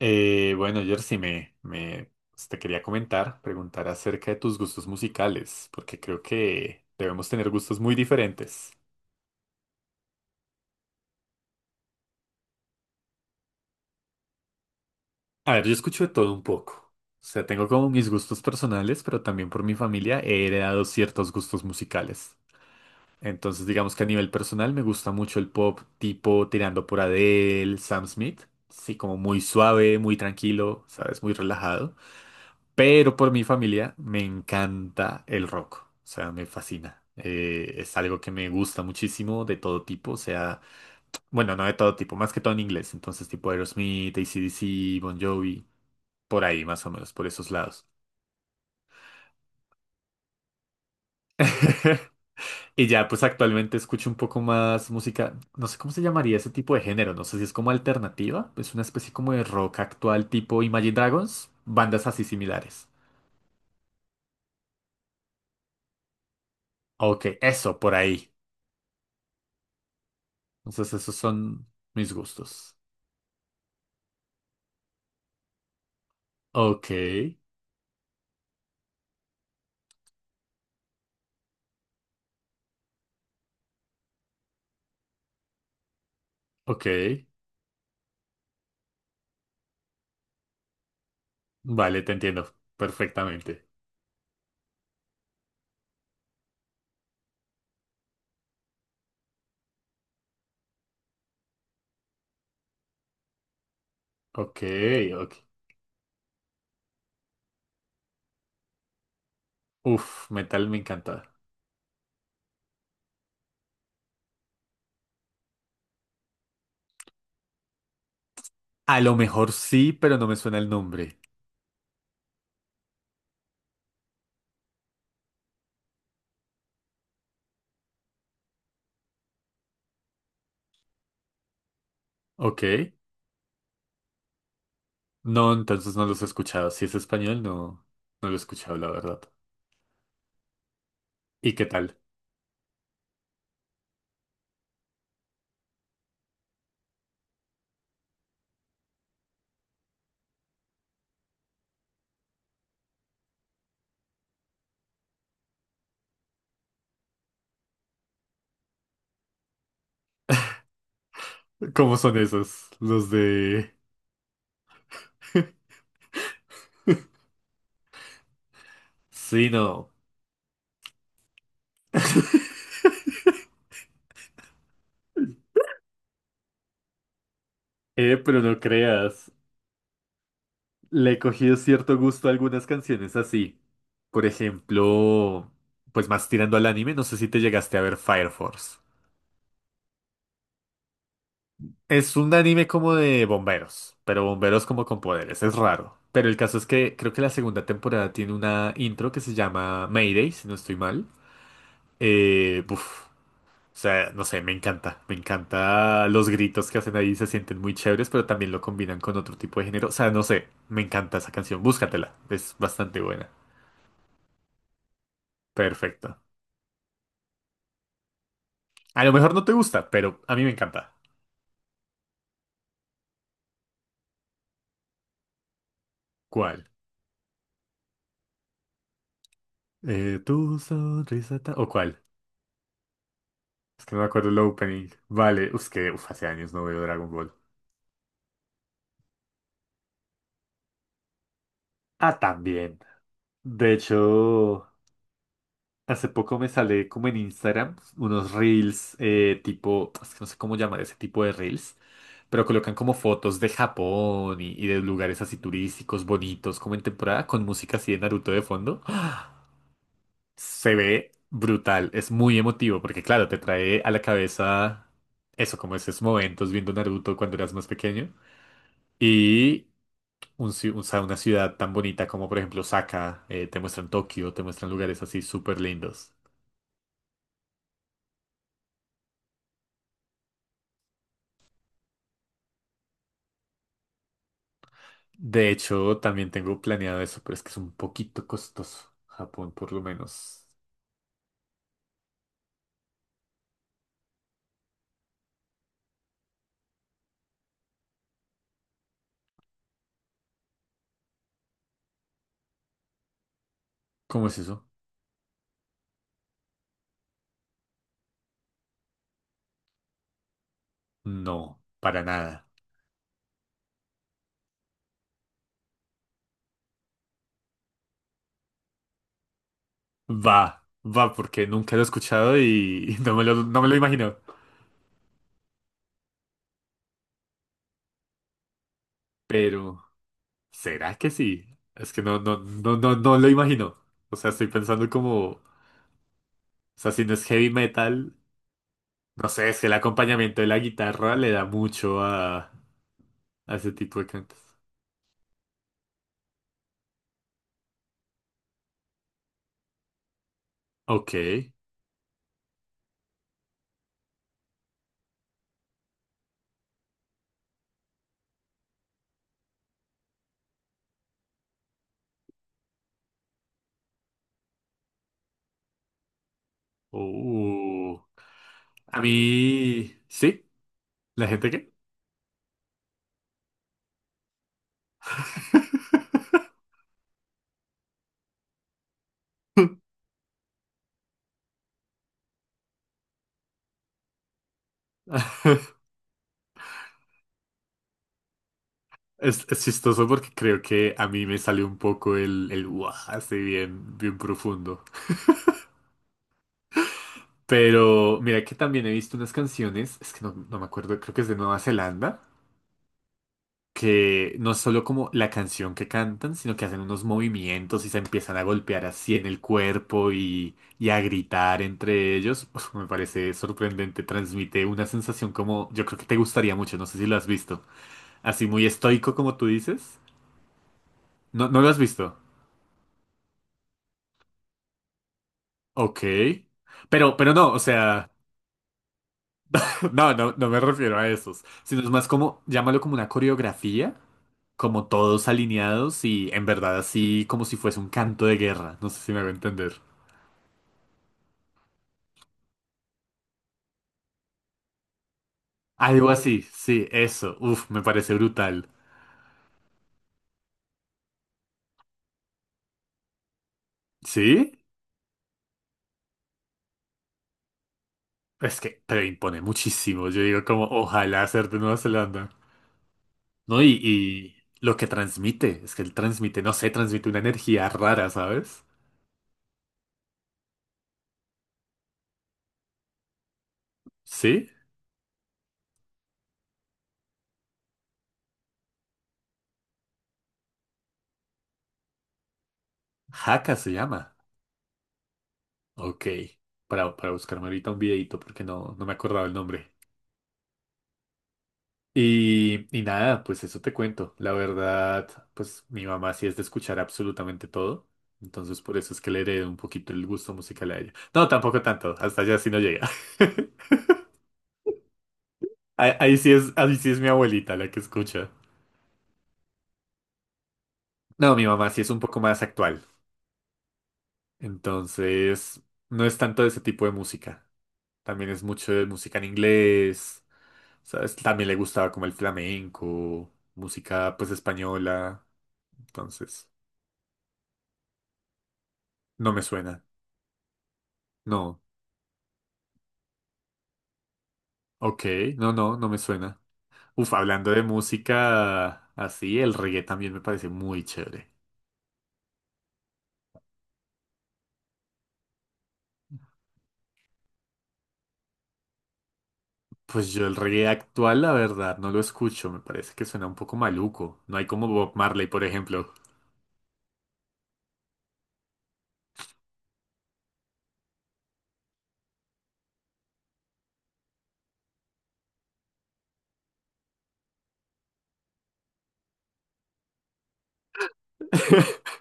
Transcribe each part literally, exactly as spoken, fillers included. Eh, bueno, Jersey, me, me pues, te quería comentar, preguntar acerca de tus gustos musicales, porque creo que debemos tener gustos muy diferentes. A ver, yo escucho de todo un poco. O sea, tengo como mis gustos personales, pero también por mi familia he heredado ciertos gustos musicales. Entonces, digamos que a nivel personal me gusta mucho el pop tipo tirando por Adele, Sam Smith. Sí, como muy suave, muy tranquilo, ¿sabes? Muy relajado. Pero por mi familia me encanta el rock, o sea, me fascina. Eh, es algo que me gusta muchísimo de todo tipo, o sea, bueno, no de todo tipo, más que todo en inglés, entonces tipo Aerosmith, A C/D C, Bon Jovi, por ahí más o menos, por esos lados. Y ya, pues actualmente escucho un poco más música, no sé cómo se llamaría ese tipo de género, no sé si es como alternativa, es una especie como de rock actual tipo Imagine Dragons, bandas así similares. Ok, eso, por ahí. Entonces esos son mis gustos. Ok, ok. Vale, te entiendo perfectamente. Ok, ok. Uf, metal me encanta. A lo mejor sí, pero no me suena el nombre. Ok. No, entonces no los he escuchado. Si es español, no, no lo he escuchado, la verdad. ¿Y qué tal? ¿Cómo son esos? Los de... Sí, no. Eh, pero no creas. Le he cogido cierto gusto a algunas canciones así. Por ejemplo, pues más tirando al anime, no sé si te llegaste a ver Fire Force. Es un anime como de bomberos, pero bomberos como con poderes, es raro. Pero el caso es que creo que la segunda temporada tiene una intro que se llama Mayday, si no estoy mal. Eh, uf, o sea, no sé, me encanta, me encanta los gritos que hacen ahí, se sienten muy chéveres, pero también lo combinan con otro tipo de género. O sea, no sé, me encanta esa canción, búscatela, es bastante buena. Perfecto. A lo mejor no te gusta, pero a mí me encanta. ¿Cuál? Eh, tu sonrisa ta- ¿O cuál? Es que no me acuerdo el opening. Vale, es que uf, hace años no veo Dragon Ball. Ah, también. De hecho, hace poco me sale como en Instagram unos reels eh, tipo, es que no sé cómo llamar ese tipo de reels, pero colocan como fotos de Japón y, y de lugares así turísticos, bonitos, como en temporada, con música así de Naruto de fondo. ¡Ah! Se ve brutal, es muy emotivo, porque claro, te trae a la cabeza eso, como esos momentos viendo Naruto cuando eras más pequeño. Y un ci- o sea, una ciudad tan bonita como por ejemplo Osaka, eh, te muestran Tokio, te muestran lugares así súper lindos. De hecho, también tengo planeado eso, pero es que es un poquito costoso. Japón, por lo menos. ¿Cómo es eso? No, para nada. Va, va, porque nunca lo he escuchado y no me lo, no me lo imagino. Pero, ¿será que sí? Es que no, no, no, no, no lo imagino. O sea, estoy pensando como, o sea, si no es heavy metal. No sé, es que el acompañamiento de la guitarra le da mucho a, a ese tipo de cantos. Ok. Uh. A mí... ¿Sí? ¿La gente qué? Es, es chistoso porque creo que a mí me sale un poco el, el "Uah", así bien, bien profundo. Pero mira que también he visto unas canciones, es que no, no me acuerdo, creo que es de Nueva Zelanda, que no es solo como la canción que cantan, sino que hacen unos movimientos y se empiezan a golpear así en el cuerpo y, y a gritar entre ellos. Uf, me parece sorprendente, transmite una sensación como yo creo que te gustaría mucho, no sé si lo has visto. Así muy estoico como tú dices. No, no lo has visto. Ok. Pero, pero no, o sea, no, no, no me refiero a esos, sino es más como, llámalo como una coreografía, como todos alineados y en verdad así como si fuese un canto de guerra, no sé si me hago entender. Algo así, sí, eso. Uf, me parece brutal. ¿Sí? Es que pero impone muchísimo. Yo digo como, ojalá ser de Nueva Zelanda. ¿No? Y, y lo que transmite, es que él transmite, no sé, transmite una energía rara, ¿sabes? ¿Sí? Haka se llama. Ok. Para, para buscarme ahorita un videito porque no, no me acordaba el nombre. Y, y nada, pues eso te cuento. La verdad, pues mi mamá sí es de escuchar absolutamente todo. Entonces por eso es que le heredé un poquito el gusto musical a ella. No, tampoco tanto. Hasta allá sí no llega. Ahí, ahí sí es, ahí sí es mi abuelita la que escucha. No, mi mamá sí es un poco más actual. Entonces, no es tanto de ese tipo de música. También es mucho de música en inglés. ¿Sabes? También le gustaba como el flamenco, música pues española. Entonces, no me suena. No. Ok, no, no, no me suena. Uf, hablando de música así, el reggae también me parece muy chévere. Pues yo el reggae actual, la verdad, no lo escucho, me parece que suena un poco maluco. No hay como Bob Marley, por ejemplo.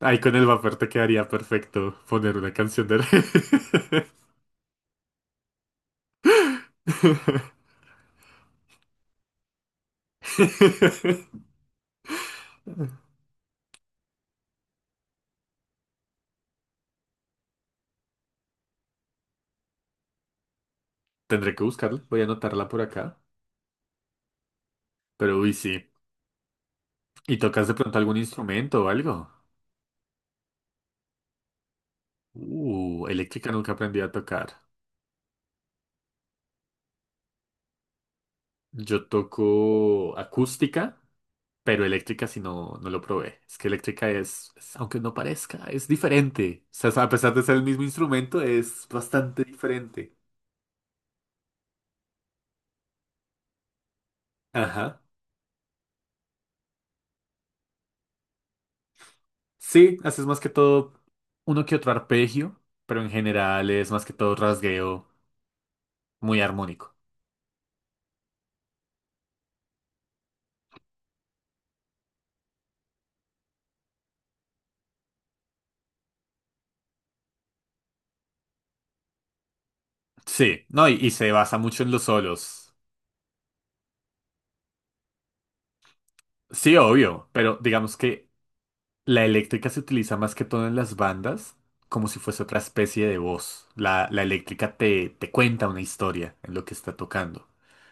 Ahí con el vapor te quedaría perfecto poner una canción de reggae. Tendré que buscarla, voy a anotarla por acá. Pero uy, sí. ¿Y tocas de pronto algún instrumento o algo? Uh, eléctrica nunca aprendí a tocar. Yo toco acústica, pero eléctrica si no, no lo probé. Es que eléctrica es, es- aunque no parezca, es diferente. O sea, a pesar de ser el mismo instrumento, es bastante diferente. Ajá. Sí, haces más que todo uno que otro arpegio, pero en general es más que todo rasgueo muy armónico. Sí, no, y, y se basa mucho en los solos. Sí, obvio, pero digamos que la eléctrica se utiliza más que todo en las bandas, como si fuese otra especie de voz. La, la eléctrica te, te cuenta una historia en lo que está tocando,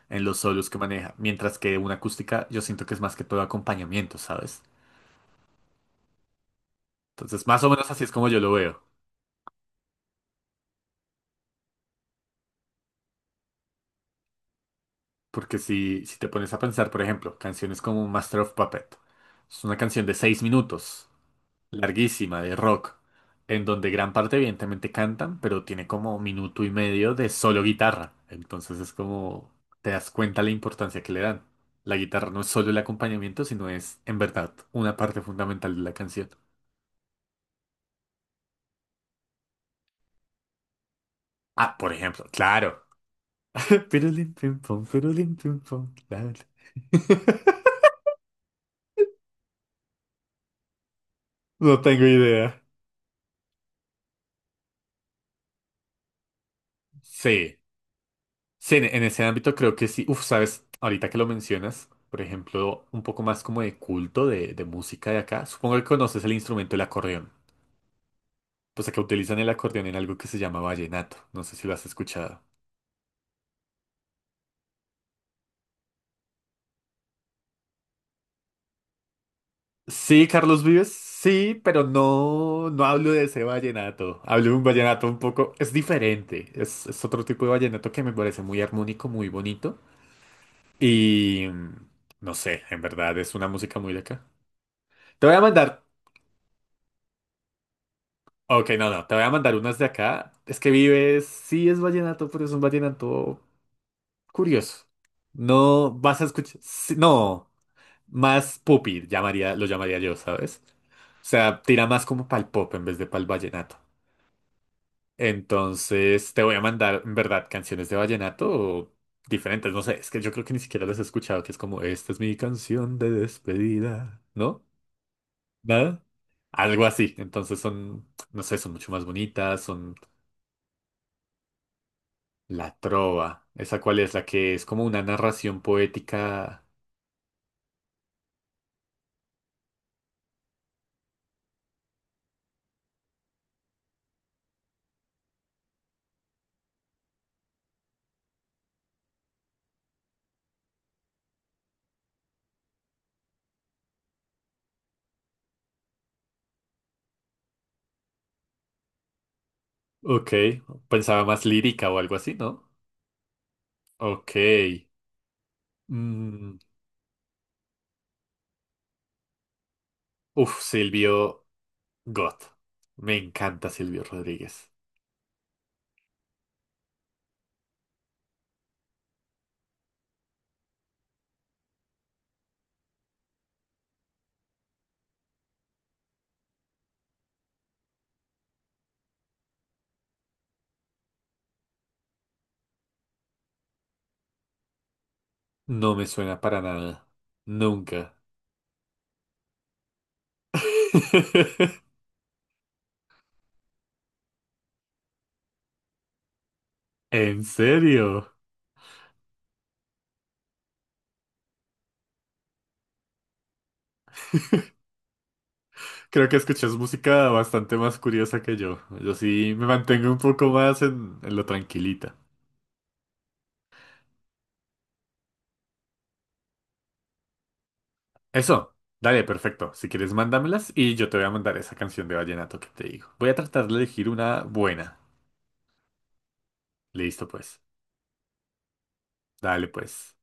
en los solos que maneja, mientras que una acústica yo siento que es más que todo acompañamiento, ¿sabes? Entonces, más o menos así es como yo lo veo. Porque si, si te pones a pensar, por ejemplo, canciones como Master of Puppet, es una canción de seis minutos larguísima de rock, en donde gran parte evidentemente cantan, pero tiene como minuto y medio de solo guitarra. Entonces es como te das cuenta la importancia que le dan. La guitarra no es solo el acompañamiento, sino es en verdad una parte fundamental de la canción. Ah, por ejemplo, claro. Pirulín, pim, pum, pirulín, pim, pum, la, no tengo idea. Sí. Sí, en, en ese ámbito creo que sí. Uf, sabes, ahorita que lo mencionas, por ejemplo, un poco más como de culto de, de música de acá. Supongo que conoces el instrumento el acordeón. Pues acá utilizan el acordeón en algo que se llama vallenato. No sé si lo has escuchado. Sí, Carlos Vives, sí, pero no, no hablo de ese vallenato. Hablo de un vallenato un poco, es diferente. Es, es otro tipo de vallenato que me parece muy armónico, muy bonito. Y mm, no sé, en verdad es una música muy de acá. Te voy a mandar Ok, no, no, te voy a mandar unas de acá. Es que vives, sí es vallenato, pero es un vallenato curioso. No vas a escuchar, sí, no, más pupi, llamaría, lo llamaría yo, ¿sabes? O sea, tira más como pa'l pop en vez de pa'l vallenato. Entonces, te voy a mandar, en verdad, canciones de vallenato diferentes. No sé, es que yo creo que ni siquiera las he escuchado, que es como, esta es mi canción de despedida, ¿no? ¿Nada? Algo así. Entonces son, no sé, son mucho más bonitas, son la Trova. ¿Esa cuál es? La que es como una narración poética. Ok. Pensaba más lírica o algo así, ¿no? Ok. Mm, uf, Silvio Gott. Me encanta Silvio Rodríguez. No me suena para nada. Nunca. ¿En serio? Creo que escuchas música bastante más curiosa que yo. Yo sí me mantengo un poco más en, en lo tranquilita. Eso, dale, perfecto. Si quieres, mándamelas y yo te voy a mandar esa canción de vallenato que te digo. Voy a tratar de elegir una buena. Listo, pues. Dale, pues.